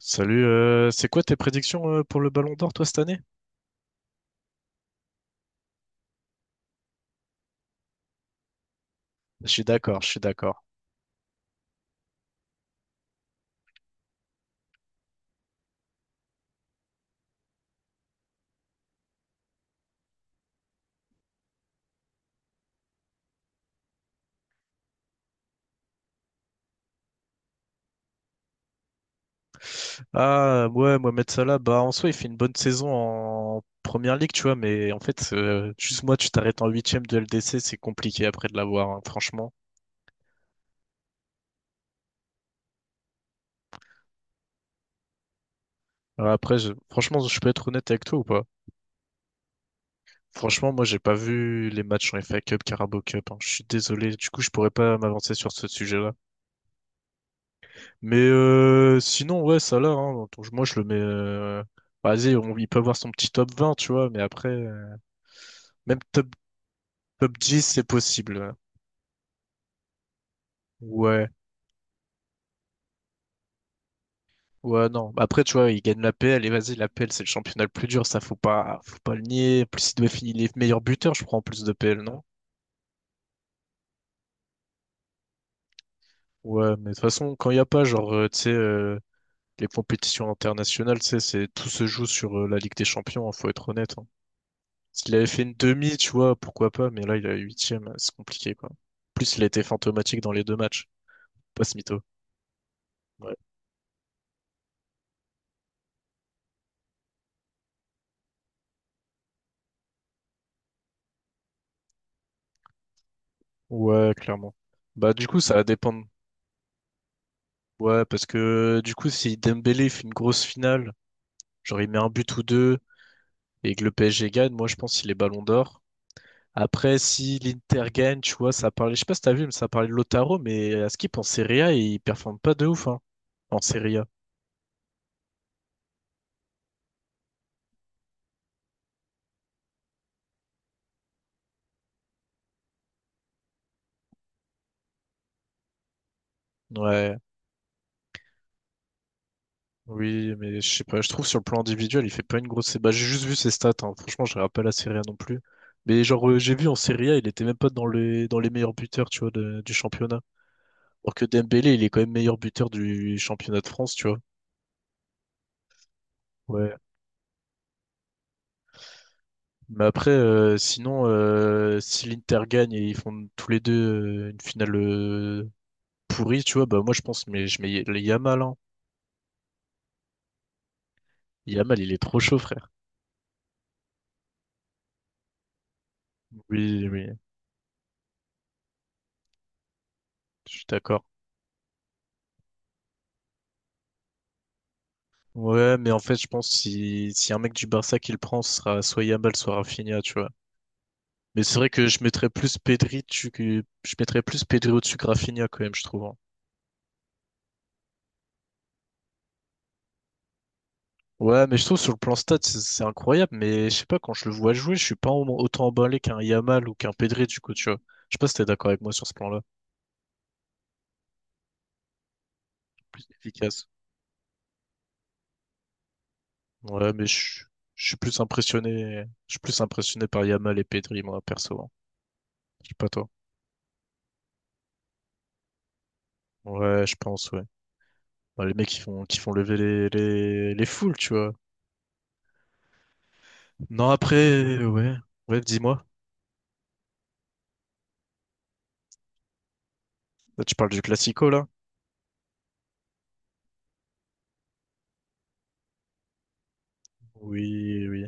Salut, c'est quoi tes prédictions pour le Ballon d'Or, toi, cette année? Je suis d'accord, je suis d'accord. Ah, ouais, Mohamed Salah, bah, en soi, il fait une bonne saison en première ligue, tu vois, mais en fait, juste moi, tu t'arrêtes en huitième de LDC, c'est compliqué après de l'avoir, hein, franchement. Ouais. Après, franchement, je peux être honnête avec toi ou pas? Franchement, moi, j'ai pas vu les matchs en FA Cup, Carabao Cup, hein. Je suis désolé. Du coup, je pourrais pas m'avancer sur ce sujet-là. Mais sinon, ouais, ça là, hein. Donc, moi, je le mets, vas-y, il peut avoir son petit top 20, tu vois. Mais après, même top 10, c'est possible. Ouais. Ouais, non. Après, tu vois, il gagne la PL. Et vas-y, la PL, c'est le championnat le plus dur. Ça, faut pas le nier. En plus, il doit finir les meilleurs buteurs, je crois, en plus de PL, non? Ouais, mais de toute façon, quand il y a pas, genre, tu sais, les compétitions internationales, tu sais, c'est, tout se joue sur la Ligue des Champions, hein, faut être honnête, hein. S'il avait fait une demi, tu vois, pourquoi pas, mais là, il a huitième, c'est compliqué, quoi. En plus, il a été fantomatique dans les deux matchs. Pas ce mytho. Ouais. Ouais, clairement. Bah, du coup, ça va dépendre. Ouais, parce que, du coup, si Dembélé fait une grosse finale, genre, il met un but ou deux, et que le PSG gagne, moi je pense qu'il est ballon d'or. Après, si l'Inter gagne, tu vois, ça parlait, je sais pas si t'as vu, mais ça parlait de Lautaro, mais à ce qu'il en Serie A, il performe pas de ouf, hein, en Serie A. Ouais, oui, mais je sais pas, je trouve sur le plan individuel, il fait pas une grosse. Bah, j'ai juste vu ses stats, hein. Franchement, je regarde pas la Serie A non plus. Mais genre, j'ai vu en Serie A, il était même pas dans les meilleurs buteurs, tu vois, du championnat. Alors que Dembélé, il est quand même meilleur buteur du championnat de France, tu vois. Ouais. Mais après, sinon, si l'Inter gagne et ils font tous les deux une finale pourrie, tu vois, bah moi je pense, mais je mets le Yamal, hein. Yamal, il est trop chaud, frère. Oui, oui, je suis d'accord. Ouais, mais en fait, je pense si un mec du Barça qui le prend, ce sera soit Yamal, soit Rafinha, tu vois. Mais c'est vrai que je mettrais plus Pedri, que je mettrais plus Pedri au-dessus que Rafinha quand même, je trouve, hein. Ouais, mais je trouve sur le plan stat, c'est incroyable, mais je sais pas, quand je le vois jouer, je suis pas autant emballé qu'un Yamal ou qu'un Pedri, du coup, tu vois. Je sais pas si t'es d'accord avec moi sur ce plan-là. Plus efficace. Ouais, mais je suis plus impressionné, je suis plus impressionné par Yamal et Pedri, moi, perso, hein. Je sais pas toi. Ouais, je pense, ouais. Bah, les mecs qui font lever les foules, tu vois. Non, après, ouais. Ouais, dis-moi. Là, tu parles du Classico, là? Oui, oui.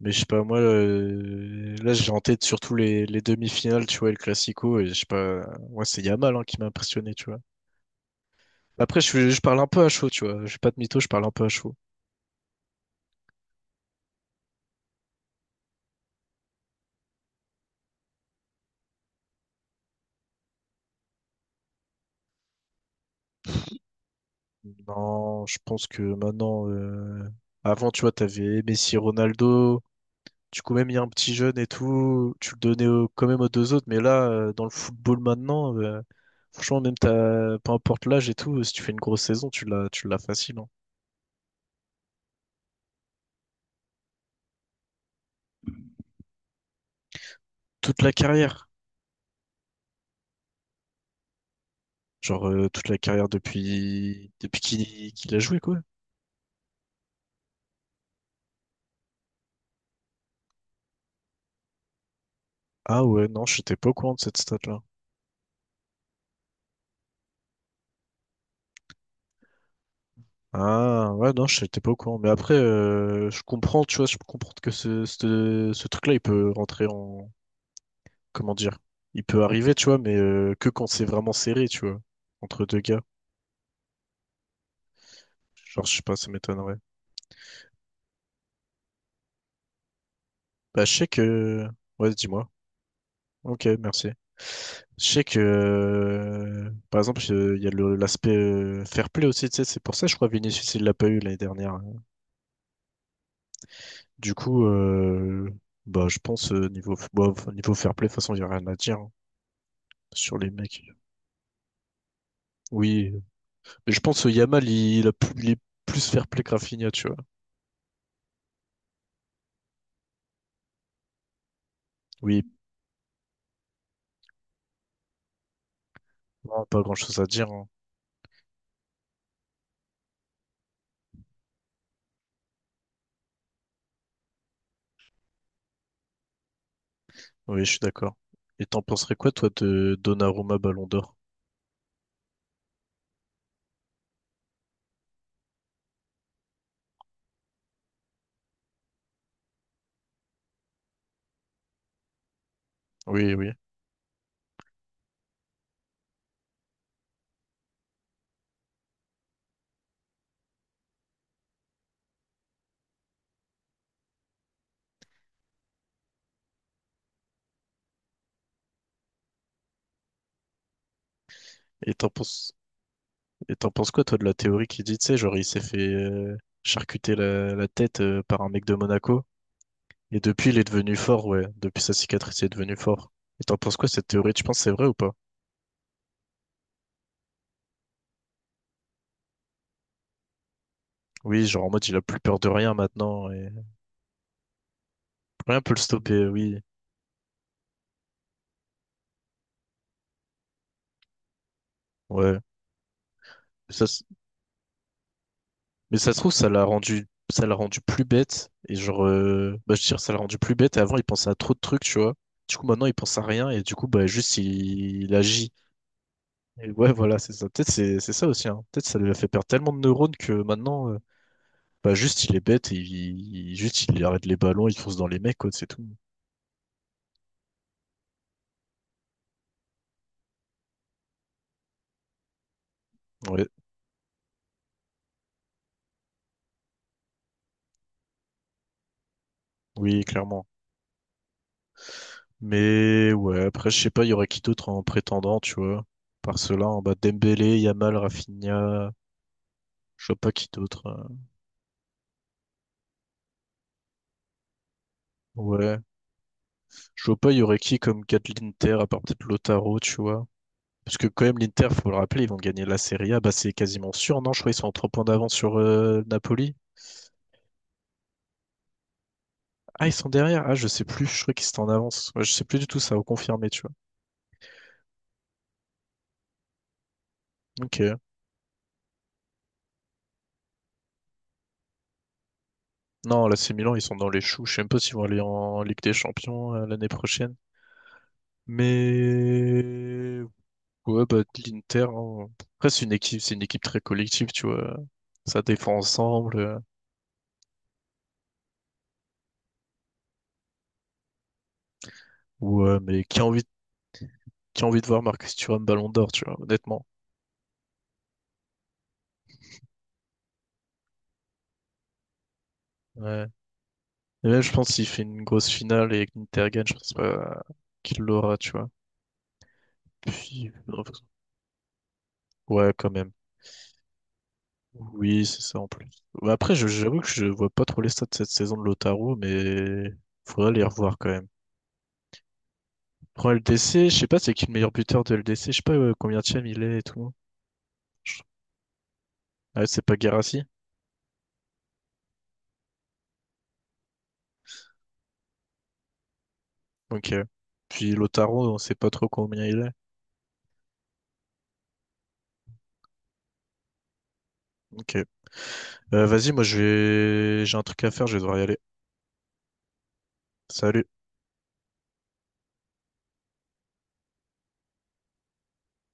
Mais je sais pas, moi, là, j'ai en tête surtout les demi-finales, tu vois, et le Classico, et je sais pas, moi, c'est Yamal hein, qui m'a impressionné, tu vois. Après, je parle un peu à chaud, tu vois. Je vais pas de mytho, je parle un peu à chaud. Non, je pense que maintenant, avant, tu vois, t'avais Messi, Ronaldo, du coup, même il y a un petit jeune et tout, tu le donnais quand même aux deux autres. Mais là, dans le football maintenant, franchement, même t'as, peu importe l'âge et tout, si tu fais une grosse saison, tu l'as facile, hein. Toute la carrière. Genre, toute la carrière depuis, depuis qu'il a joué, quoi. Ah ouais, non, j'étais pas au courant de cette stat-là. Ah ouais, non, j'étais pas au courant. Mais après, je comprends, tu vois, je comprends que ce truc-là, il peut rentrer en... Comment dire? Il peut arriver, tu vois, mais que quand c'est vraiment serré, tu vois, entre deux gars. Genre, je sais pas, ça m'étonnerait. Bah, je sais que... Ouais, dis-moi. Ok, merci. Je sais que, par exemple, il y a l'aspect fair play aussi, tu sais, c'est pour ça, je crois, Vinicius, il l'a pas eu l'année dernière. Du coup, bah, je pense, niveau, niveau fair play, de toute façon, il n'y a rien à dire hein, sur les mecs. Oui, mais je pense que Yamal, il a plus, il est plus fair play que Rafinha, tu vois. Oui, non, pas grand-chose à dire, hein. Oui, je suis d'accord. Et t'en penserais quoi, toi, de Donnarumma Ballon d'Or? Oui, oui. Et t'en penses... Et t'en penses quoi, toi, de la théorie qui dit, tu sais, genre, il s'est fait charcuter la tête par un mec de Monaco. Et depuis, il est devenu fort, ouais. Depuis sa cicatrice, il est devenu fort. Et t'en penses quoi, cette théorie? Tu penses que c'est vrai ou pas? Oui, genre, en mode, il a plus peur de rien maintenant. Et rien peut le stopper, oui. Ouais. Ça, s- mais ça se trouve, ça l'a rendu plus bête. Et genre, bah, je veux dire, ça l'a rendu plus bête. Et avant, il pensait à trop de trucs, tu vois. Du coup, maintenant, il pense à rien. Et du coup, bah, juste, il agit. Et ouais, voilà, c'est ça. Peut-être c'est ça aussi, hein. Peut-être ça lui a fait perdre tellement de neurones que maintenant, bah juste il est bête et juste il arrête les ballons, il fonce dans les mecs, quoi, c'est tout. Ouais, oui, clairement. Mais ouais, après je sais pas, il y aurait qui d'autre en prétendant, tu vois. Par cela, en bas Dembélé, Yamal, Rafinha, je vois pas qui d'autre, hein. Ouais, je vois pas, il y aurait qui comme gars de l'Inter à part peut-être Lautaro, tu vois. Parce que quand même l'Inter, faut le rappeler, ils vont gagner la Serie A, bah c'est quasiment sûr, non? Je crois qu'ils sont en 3 points d'avance sur Napoli. Ah, ils sont derrière. Ah, je sais plus. Je crois qu'ils étaient en avance. Ouais, je sais plus du tout. Ça va confirmer, tu vois. Ok. Non, là, c'est Milan. Ils sont dans les choux. Je sais même pas s'ils vont aller en Ligue des Champions l'année prochaine. Mais ouais, bah l'Inter, hein. Après, c'est une équipe. C'est une équipe très collective, tu vois. Ça défend ensemble, euh. Ouais, mais qui a envie de voir Marcus Thuram Ballon d'Or, tu vois, honnêtement. Ouais. Et là, je pense qu'il fait une grosse finale et que l'Inter gagne. Je pense pas qu'il l'aura, tu vois. Puis, ouais, quand même. Oui, c'est ça en plus. Bah, après, j'avoue que je vois pas trop les stats de cette saison de Lautaro, mais faudrait les revoir quand même. Prends LDC, je sais pas c'est qui le meilleur buteur de LDC, je sais pas combien de il est et tout. Je- Ah, c'est pas Guirassy? Ok. Puis Lautaro, on sait pas trop combien il est. Ok. Vas-y, moi je vais j'ai un truc à faire, je vais devoir y aller. Salut.